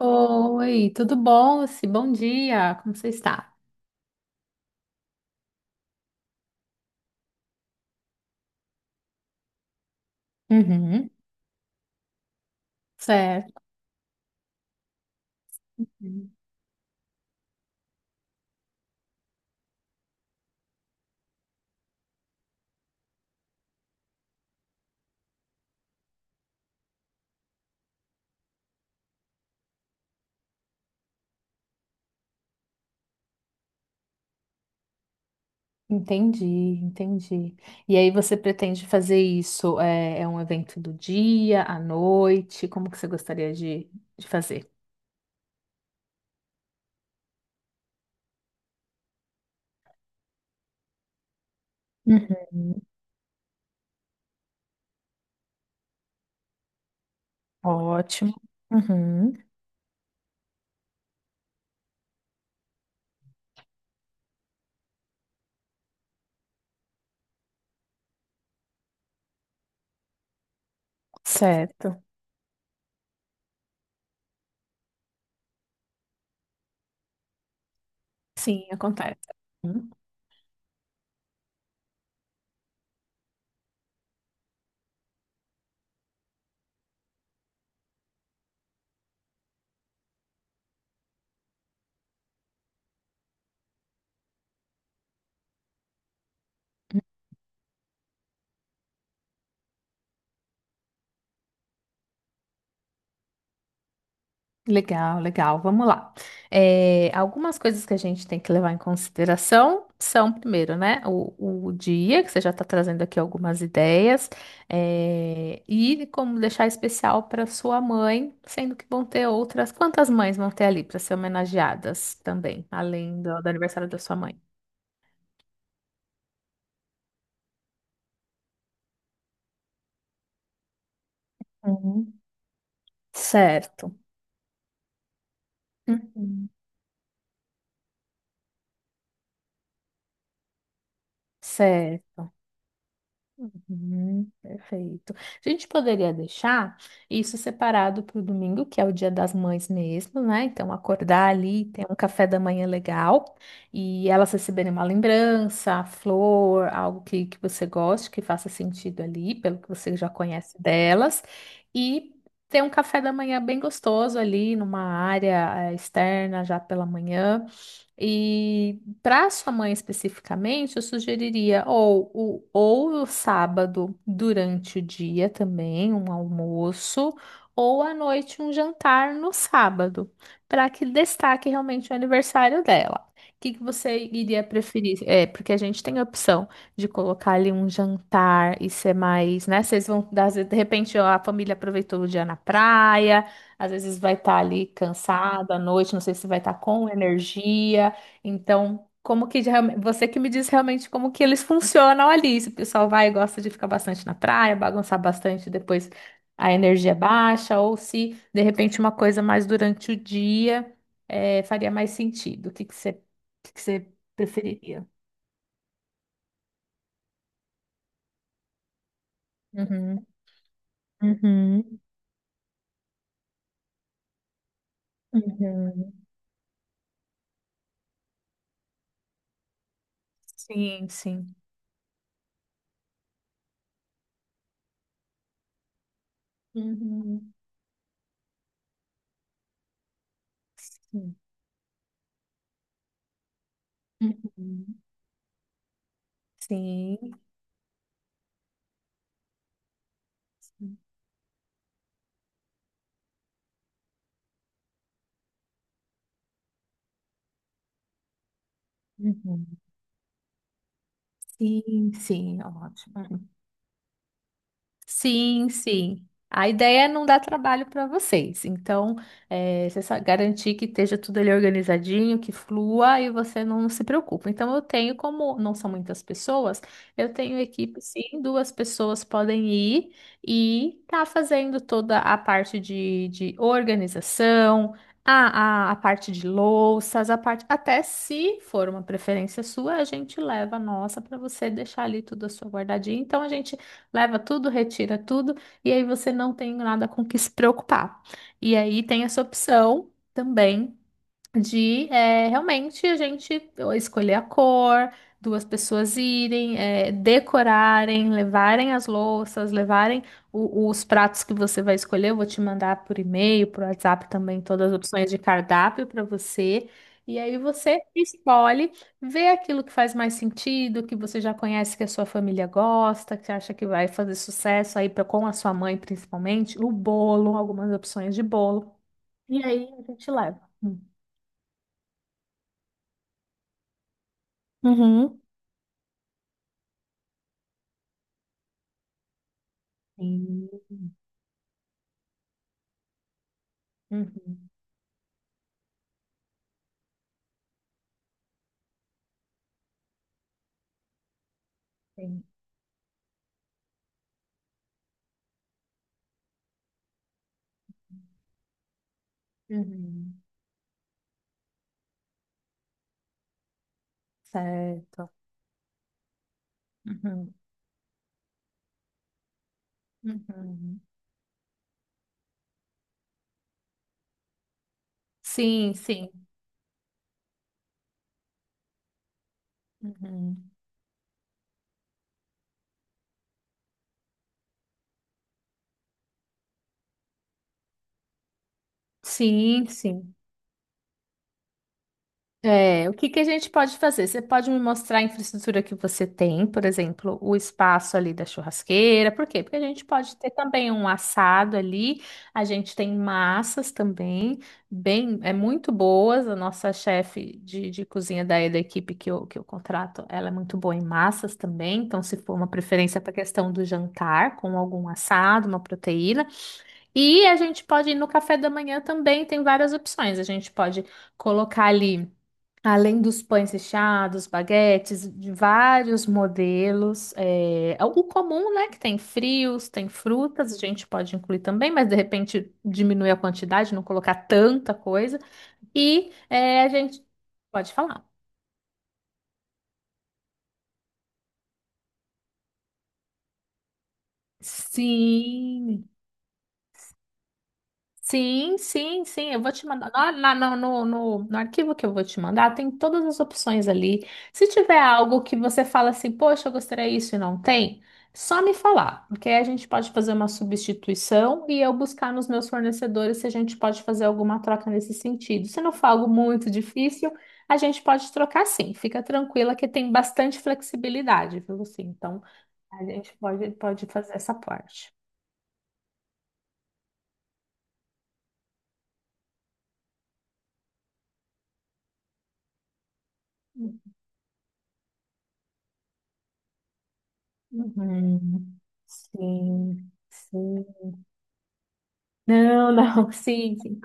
Oi, tudo bom? Lucy? Bom dia, como você está? Uhum. Certo. Uhum. Entendi, entendi. E aí você pretende fazer isso? É um evento do dia, à noite? Como que você gostaria de fazer? Uhum. Ótimo. Uhum. Certo. Sim, acontece. Uhum. Legal, legal. Vamos lá. É, algumas coisas que a gente tem que levar em consideração são, primeiro, né, o dia, que você já está trazendo aqui algumas ideias, é, e como deixar especial para sua mãe, sendo que vão ter outras. Quantas mães vão ter ali para ser homenageadas também, além do aniversário da sua mãe? Uhum. Certo. Uhum. Certo. Uhum, perfeito. A gente poderia deixar isso separado para o domingo, que é o Dia das Mães mesmo, né? Então, acordar ali, ter um café da manhã legal e elas receberem uma lembrança, flor, algo que você goste, que faça sentido ali, pelo que você já conhece delas, e ter um café da manhã bem gostoso ali, numa área externa já pela manhã. E para sua mãe especificamente, eu sugeriria ou ou o sábado durante o dia também, um almoço, ou à noite um jantar no sábado, para que destaque realmente o aniversário dela. O que que você iria preferir? É, porque a gente tem a opção de colocar ali um jantar e ser mais, né? Vocês vão, às vezes, de repente, ó, a família aproveitou o dia na praia, às vezes vai estar ali cansada à noite, não sei se vai estar com energia. Então, como que de você que me diz realmente como que eles funcionam ali. Se o pessoal vai e gosta de ficar bastante na praia, bagunçar bastante, depois a energia é baixa, ou se de repente uma coisa mais durante o dia faria mais sentido. O que que você preferiria? Uhum, uhum, uhum. Sim, sim. Uhum, sim. Uhum, sim. Sim, uhum. Sim, sim, ótimo. Sim, sim. A ideia é não dar trabalho para vocês. Então, é, você só garantir que esteja tudo ali organizadinho, que flua e você não se preocupa. Então, eu tenho, como não são muitas pessoas, eu tenho equipe, sim, duas pessoas podem ir e tá fazendo toda a parte de organização, a parte de louças, a parte. Até se for uma preferência sua, a gente leva a nossa para você deixar ali tudo a sua guardadinha. Então, a gente leva tudo, retira tudo, e aí você não tem nada com que se preocupar. E aí tem essa opção também de realmente a gente escolher a cor, duas pessoas irem, é, decorarem, levarem as louças, levarem os pratos que você vai escolher. Eu vou te mandar por e-mail, por WhatsApp também todas as opções de cardápio para você. E aí você escolhe, vê aquilo que faz mais sentido, que você já conhece que a sua família gosta, que acha que vai fazer sucesso aí pra, com a sua mãe principalmente, o bolo, algumas opções de bolo. E aí a gente leva. Uhum. Sim, uhum, sim, uhum. Certo. Uhum. Uhum. Sim, sim. Uhum. Sim, sim. É, o que que a gente pode fazer? Você pode me mostrar a infraestrutura que você tem, por exemplo, o espaço ali da churrasqueira. Por quê? Porque a gente pode ter também um assado ali. A gente tem massas também, bem, é muito boas. A nossa chefe de cozinha daí da equipe que eu contrato, ela é muito boa em massas também. Então, se for uma preferência para a questão do jantar, com algum assado, uma proteína. E a gente pode ir no café da manhã também, tem várias opções. A gente pode colocar ali. Além dos pães recheados, baguetes, de vários modelos. É, o comum, né? Que tem frios, tem frutas, a gente pode incluir também, mas de repente diminuir a quantidade, não colocar tanta coisa. E é, a gente pode falar. Sim. Sim, sim, sim. Eu vou te mandar. Lá, lá no arquivo que eu vou te mandar, tem todas as opções ali. Se tiver algo que você fala assim, poxa, eu gostaria disso e não tem, só me falar. Porque aí a gente pode fazer uma substituição e eu buscar nos meus fornecedores se a gente pode fazer alguma troca nesse sentido. Se não for algo muito difícil, a gente pode trocar sim. Fica tranquila que tem bastante flexibilidade, viu? Assim, então a gente pode, fazer essa parte. Uhum. Sim, sim. Não, não, sim, sim.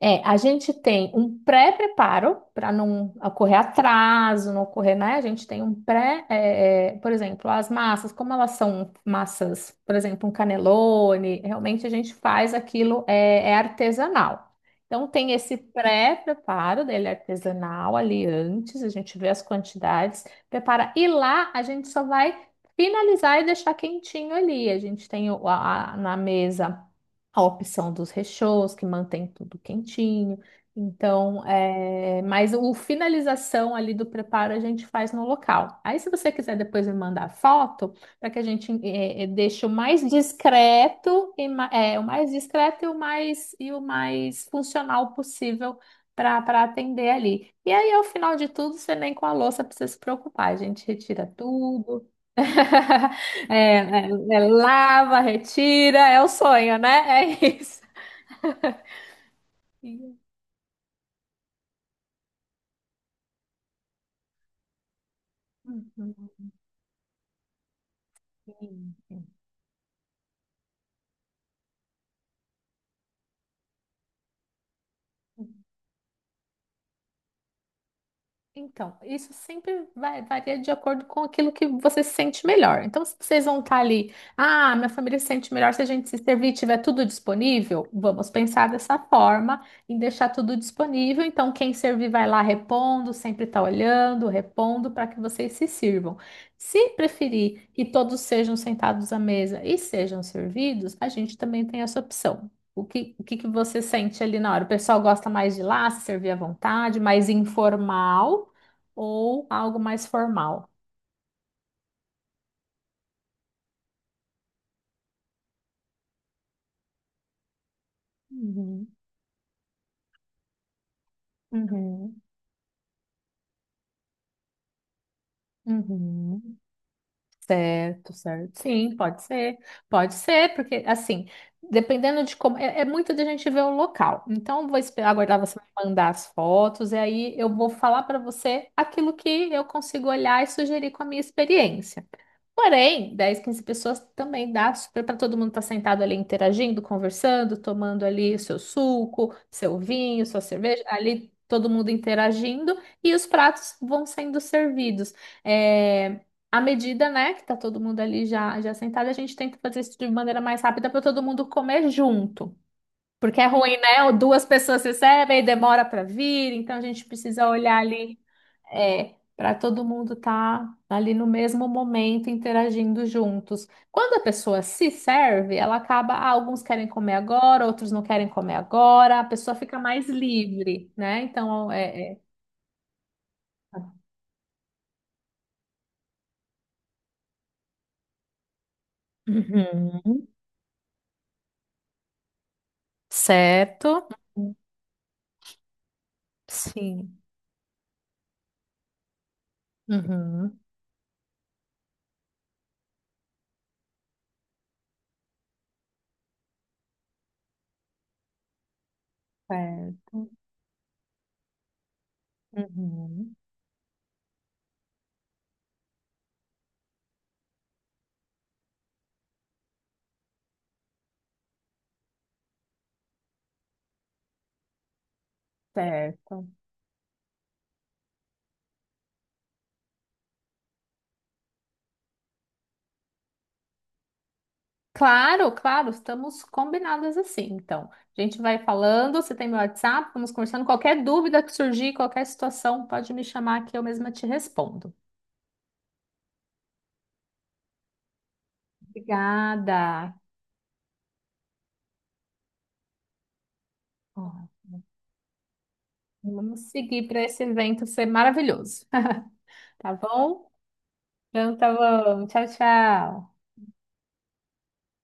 É, a gente tem um pré-preparo para não ocorrer atraso, não ocorrer, né? A gente tem um por exemplo, as massas, como elas são massas, por exemplo, um canelone, realmente a gente faz aquilo, é artesanal. Então tem esse pré-preparo dele artesanal ali antes, a gente vê as quantidades, prepara, e lá a gente só vai finalizar e deixar quentinho ali. A gente tem na mesa a opção dos recheios, que mantém tudo quentinho. Então, mas o finalização ali do preparo a gente faz no local. Aí, se você quiser depois me mandar foto, para que a gente deixe o mais discreto e o mais discreto e o mais funcional possível para atender ali. E aí, ao final de tudo, você nem com a louça precisa se preocupar. A gente retira tudo. É, é, é lava, retira, é o sonho, né? É isso. Uhum. Então, isso sempre varia de acordo com aquilo que você se sente melhor. Então, se vocês vão estar ali, ah, minha família se sente melhor se a gente se servir e tiver tudo disponível, vamos pensar dessa forma em deixar tudo disponível. Então, quem servir vai lá repondo, sempre está olhando, repondo para que vocês se sirvam. Se preferir que todos sejam sentados à mesa e sejam servidos, a gente também tem essa opção. O que que você sente ali na hora? O pessoal gosta mais de lá, se servir à vontade, mais informal ou algo mais formal? Uhum, uhum, uhum. Certo, certo. Sim, pode ser. Pode ser, porque assim, dependendo de como. É muito da gente ver o local. Então, vou esperar, aguardar você me mandar as fotos, e aí eu vou falar para você aquilo que eu consigo olhar e sugerir com a minha experiência. Porém, 10 15 pessoas também dá super para todo mundo estar sentado ali interagindo, conversando, tomando ali o seu suco, seu vinho, sua cerveja, ali todo mundo interagindo e os pratos vão sendo servidos. É, à medida, né, que tá todo mundo ali já sentado, a gente tenta fazer isso de maneira mais rápida para todo mundo comer junto. Porque é ruim, né? Duas pessoas recebem, demora para vir, então a gente precisa olhar ali para todo mundo estar ali no mesmo momento interagindo juntos. Quando a pessoa se serve, ela acaba, ah, alguns querem comer agora, outros não querem comer agora, a pessoa fica mais livre, né? Então, Uhum. Certo. Sim. Uhum. Certo. Uhum. Certo. Claro, claro, estamos combinadas assim. Então, a gente vai falando, você tem meu WhatsApp, vamos conversando. Qualquer dúvida que surgir, qualquer situação, pode me chamar que eu mesma te respondo. Obrigada. Ó, vamos seguir para esse evento ser maravilhoso. Tá bom? Então, tá bom. Tchau, tchau.